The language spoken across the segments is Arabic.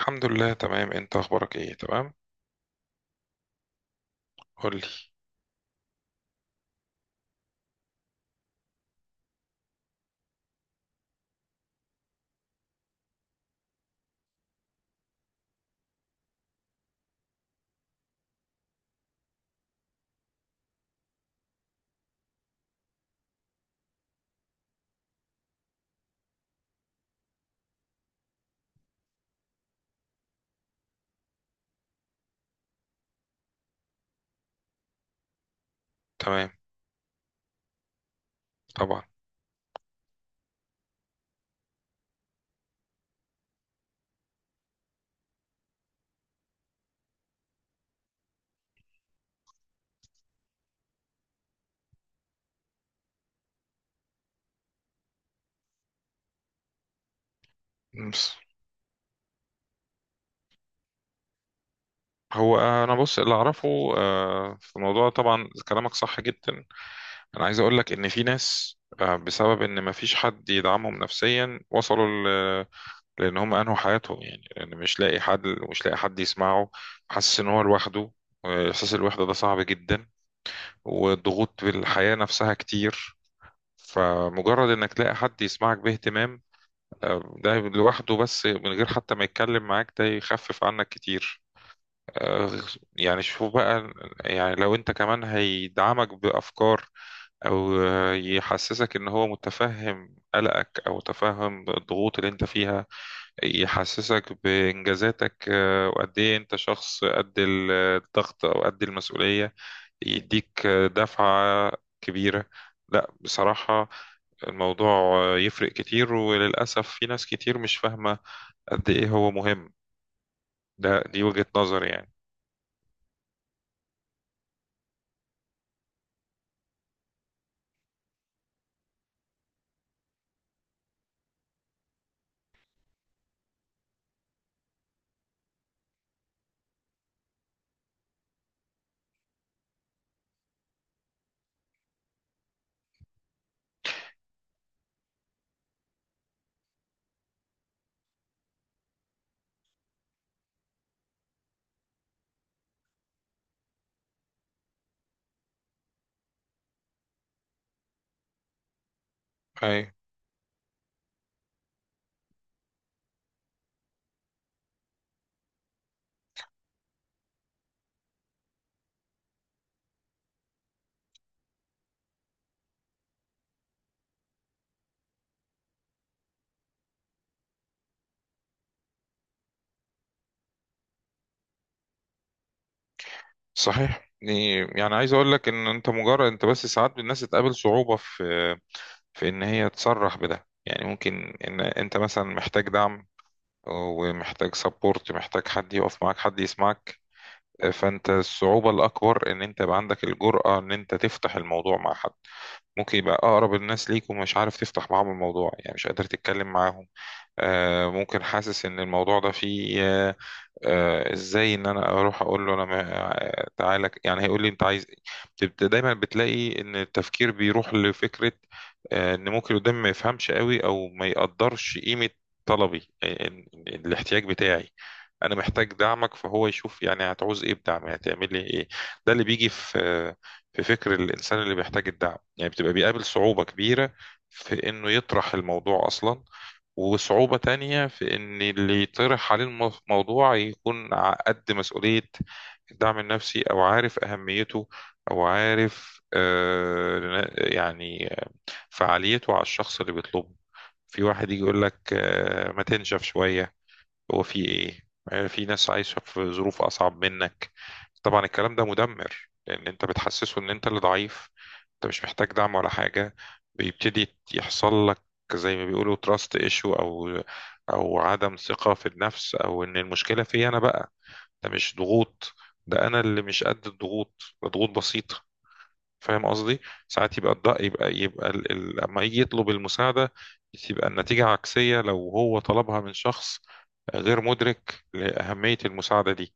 الحمد لله تمام، انت اخبارك ايه؟ تمام. قولي. تمام. طبعا. بس هو انا بص اللي اعرفه. في الموضوع طبعا كلامك صح جدا. انا عايز اقول لك ان في ناس، بسبب ان مفيش حد يدعمهم نفسيا وصلوا ل- لان هم انهوا حياتهم، يعني لان مش لاقي حد يسمعه، حاسس ان هو لوحده. احساس الوحدة ده صعب جدا، والضغوط بالحياة نفسها كتير. فمجرد انك تلاقي حد يسمعك باهتمام، ده لوحده بس من غير حتى ما يتكلم معاك ده يخفف عنك كتير. آه، يعني شوف بقى، يعني لو انت كمان هيدعمك بأفكار، او يحسسك ان هو متفهم قلقك او متفهم الضغوط اللي انت فيها، يحسسك بإنجازاتك، وقد ايه انت شخص قد الضغط او قد المسؤولية، يديك دفعة كبيرة. لا، بصراحة الموضوع يفرق كتير، وللأسف في ناس كتير مش فاهمة قد ايه هو مهم. ده دي وجهة نظري يعني. اي، صحيح. يعني عايز اقول لك ان انت، مجرد انت بس ساعات الناس تقابل صعوبة في ان هي تصرح بده. يعني ممكن ان انت مثلا محتاج دعم، ومحتاج سبورت، محتاج حد يقف معاك، حد يسمعك. فانت الصعوبة الاكبر ان انت يبقى عندك الجرأة ان انت تفتح الموضوع مع حد، ممكن يبقى اقرب الناس ليك ومش عارف تفتح معاهم الموضوع، يعني مش قادر تتكلم معاهم. ممكن حاسس ان الموضوع ده فيه، ازاي ان انا اروح اقول له انا تعالى، يعني هيقول لي انت عايز إيه؟ بتبقى دايما بتلاقي ان التفكير بيروح لفكرة، ان ممكن اللي قدامي ما يفهمش قوي او ما يقدرش قيمة طلبي، إن الاحتياج بتاعي انا محتاج دعمك، فهو يشوف يعني هتعوز ايه بدعمي، هتعمل لي ايه؟ ده اللي بيجي في فكر الانسان اللي بيحتاج الدعم، يعني بتبقى بيقابل صعوبة كبيرة في انه يطرح الموضوع اصلا. وصعوبة تانية في إن اللي يطرح عليه الموضوع يكون قد مسؤولية الدعم النفسي، أو عارف أهميته، أو عارف يعني فعاليته على الشخص اللي بيطلبه. في واحد يجي يقول لك ما تنشف شوية، هو في ايه؟ يعني في ناس عايشة في ظروف اصعب منك. طبعا الكلام ده مدمر، لان انت بتحسسه ان انت اللي ضعيف، انت مش محتاج دعم ولا حاجة. بيبتدي يحصل لك زي ما بيقولوا تراست ايشو، او عدم ثقة في النفس، او ان المشكلة في انا بقى. ده مش ضغوط، ده انا اللي مش قد الضغوط، ده ضغوط بسيطة. فاهم قصدي؟ ساعات يبقى الضغط لما يجي يطلب المساعدة، تبقى النتيجة عكسية لو هو طلبها من شخص غير مدرك لأهمية المساعدة دي.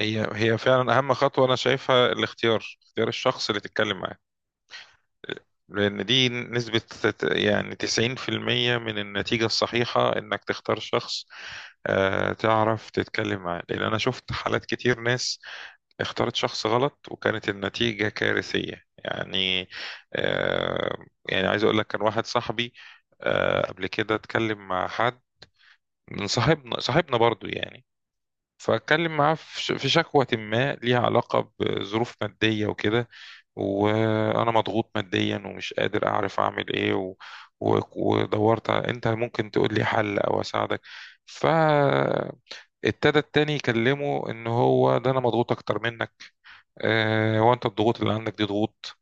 هي فعلا أهم خطوة أنا شايفها الاختيار، اختيار الشخص اللي تتكلم معاه. لأن دي نسبة يعني 90% من النتيجة الصحيحة إنك تختار شخص تعرف تتكلم معاه، لأن أنا شفت حالات كتير، ناس اختارت شخص غلط وكانت النتيجة كارثية يعني. آه، يعني عايز أقول لك، كان واحد صاحبي قبل كده اتكلم مع حد من صاحبنا، صاحبنا برضو يعني، فاتكلم معاه في شكوى ما ليها علاقة بظروف مادية وكده، وانا مضغوط ماديا ومش قادر اعرف اعمل ايه ودورت انت ممكن تقول لي حل او اساعدك. فابتدى التاني يكلمه ان هو ده انا مضغوط اكتر منك، هو انت الضغوط اللي عندك دي ضغوط؟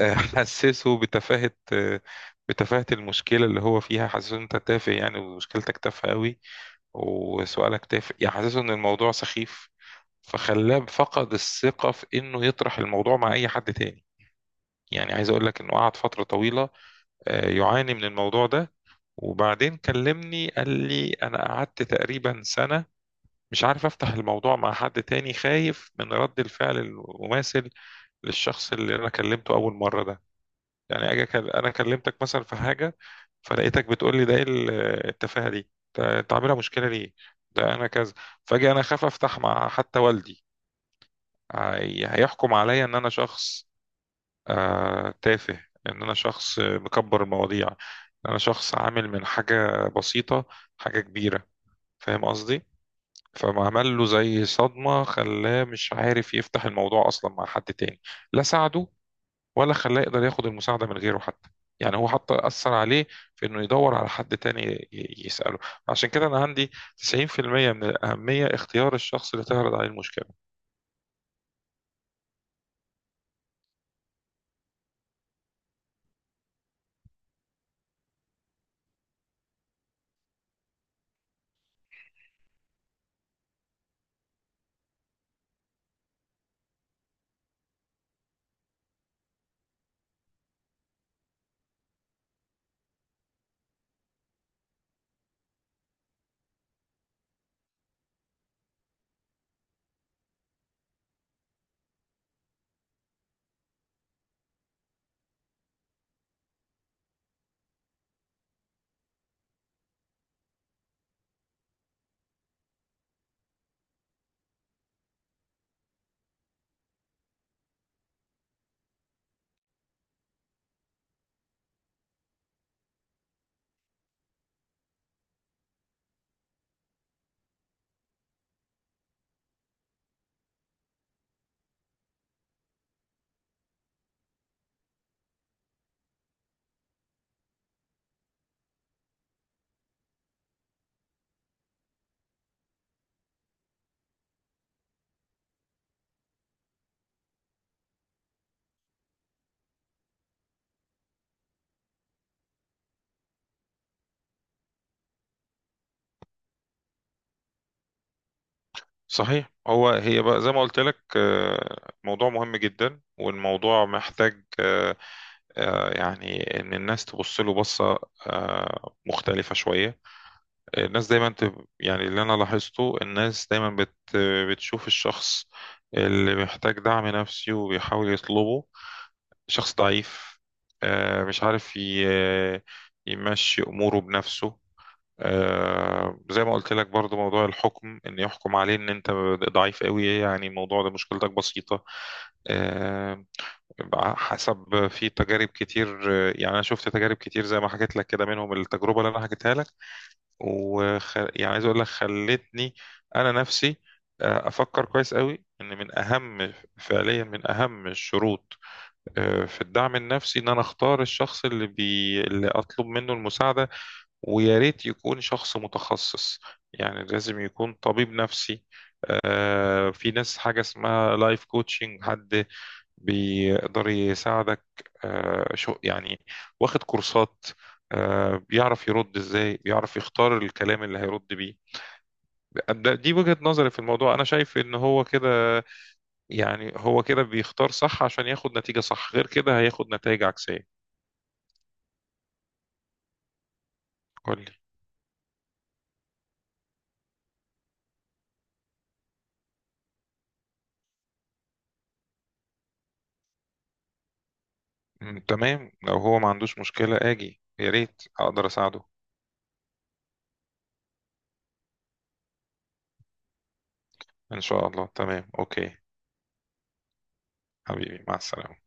حسسه بتفاهة المشكلة اللي هو فيها، حسسه ان انت تافه يعني، ومشكلتك تافهة قوي، وسؤالك تافه، يعني حسسه ان الموضوع سخيف. فخلاه فقد الثقة في انه يطرح الموضوع مع اي حد تاني. يعني عايز اقول لك انه قعد فترة طويلة يعاني من الموضوع ده، وبعدين كلمني قال لي انا قعدت تقريبا سنة مش عارف افتح الموضوع مع حد تاني، خايف من رد الفعل المماثل للشخص اللي انا كلمته اول مرة ده. يعني اجي انا كلمتك مثلا في حاجة، فلقيتك بتقول لي ده ايه التفاهة دي، انت عاملها مشكلة ليه؟ ده انا كذا. فاجي انا اخاف افتح مع حتى والدي، هيحكم عليا ان انا شخص تافه، ان انا شخص مكبر المواضيع، ان انا شخص عامل من حاجة بسيطة حاجة كبيرة. فاهم قصدي؟ فما عمل له زي صدمة، خلاه مش عارف يفتح الموضوع اصلا مع حد تاني، لا ساعده ولا خلاه يقدر ياخد المساعدة من غيره حتى. يعني هو حتى أثر عليه في إنه يدور على حد تاني يسأله. عشان كده أنا عندي 90% من الأهمية اختيار الشخص اللي تعرض عليه المشكلة. صحيح. هي بقى زي ما قلت لك موضوع مهم جدا، والموضوع محتاج يعني ان الناس تبص له بصه مختلفه شويه. الناس دايما يعني اللي انا لاحظته، الناس دايما بتشوف الشخص اللي محتاج دعم نفسي وبيحاول يطلبه شخص ضعيف، مش عارف يمشي اموره بنفسه. زي ما قلت لك برضو، موضوع الحكم، ان يحكم عليه ان انت ضعيف قوي، يعني الموضوع ده مشكلتك بسيطة. آه، حسب في تجارب كتير، يعني انا شفت تجارب كتير زي ما حكيت لك كده، منهم التجربة اللي انا حكيتها لك. يعني عايز اقول لك خلتني انا نفسي افكر كويس قوي ان من اهم فعليا من اهم الشروط في الدعم النفسي ان انا اختار الشخص اللي اللي اطلب منه المساعدة، ويا ريت يكون شخص متخصص، يعني لازم يكون طبيب نفسي. في ناس حاجة اسمها لايف كوتشنج، حد بيقدر يساعدك، شو يعني واخد كورسات، بيعرف يرد ازاي، بيعرف يختار الكلام اللي هيرد بيه. دي وجهة نظري في الموضوع، انا شايف ان هو كده، يعني هو كده بيختار صح عشان ياخد نتيجة صح، غير كده هياخد نتائج عكسية. قول لي. مم، تمام، لو هو ما عندوش مشكلة اجي، يا ريت اقدر اساعده. إن شاء الله، تمام. أوكي، حبيبي، مع السلامة.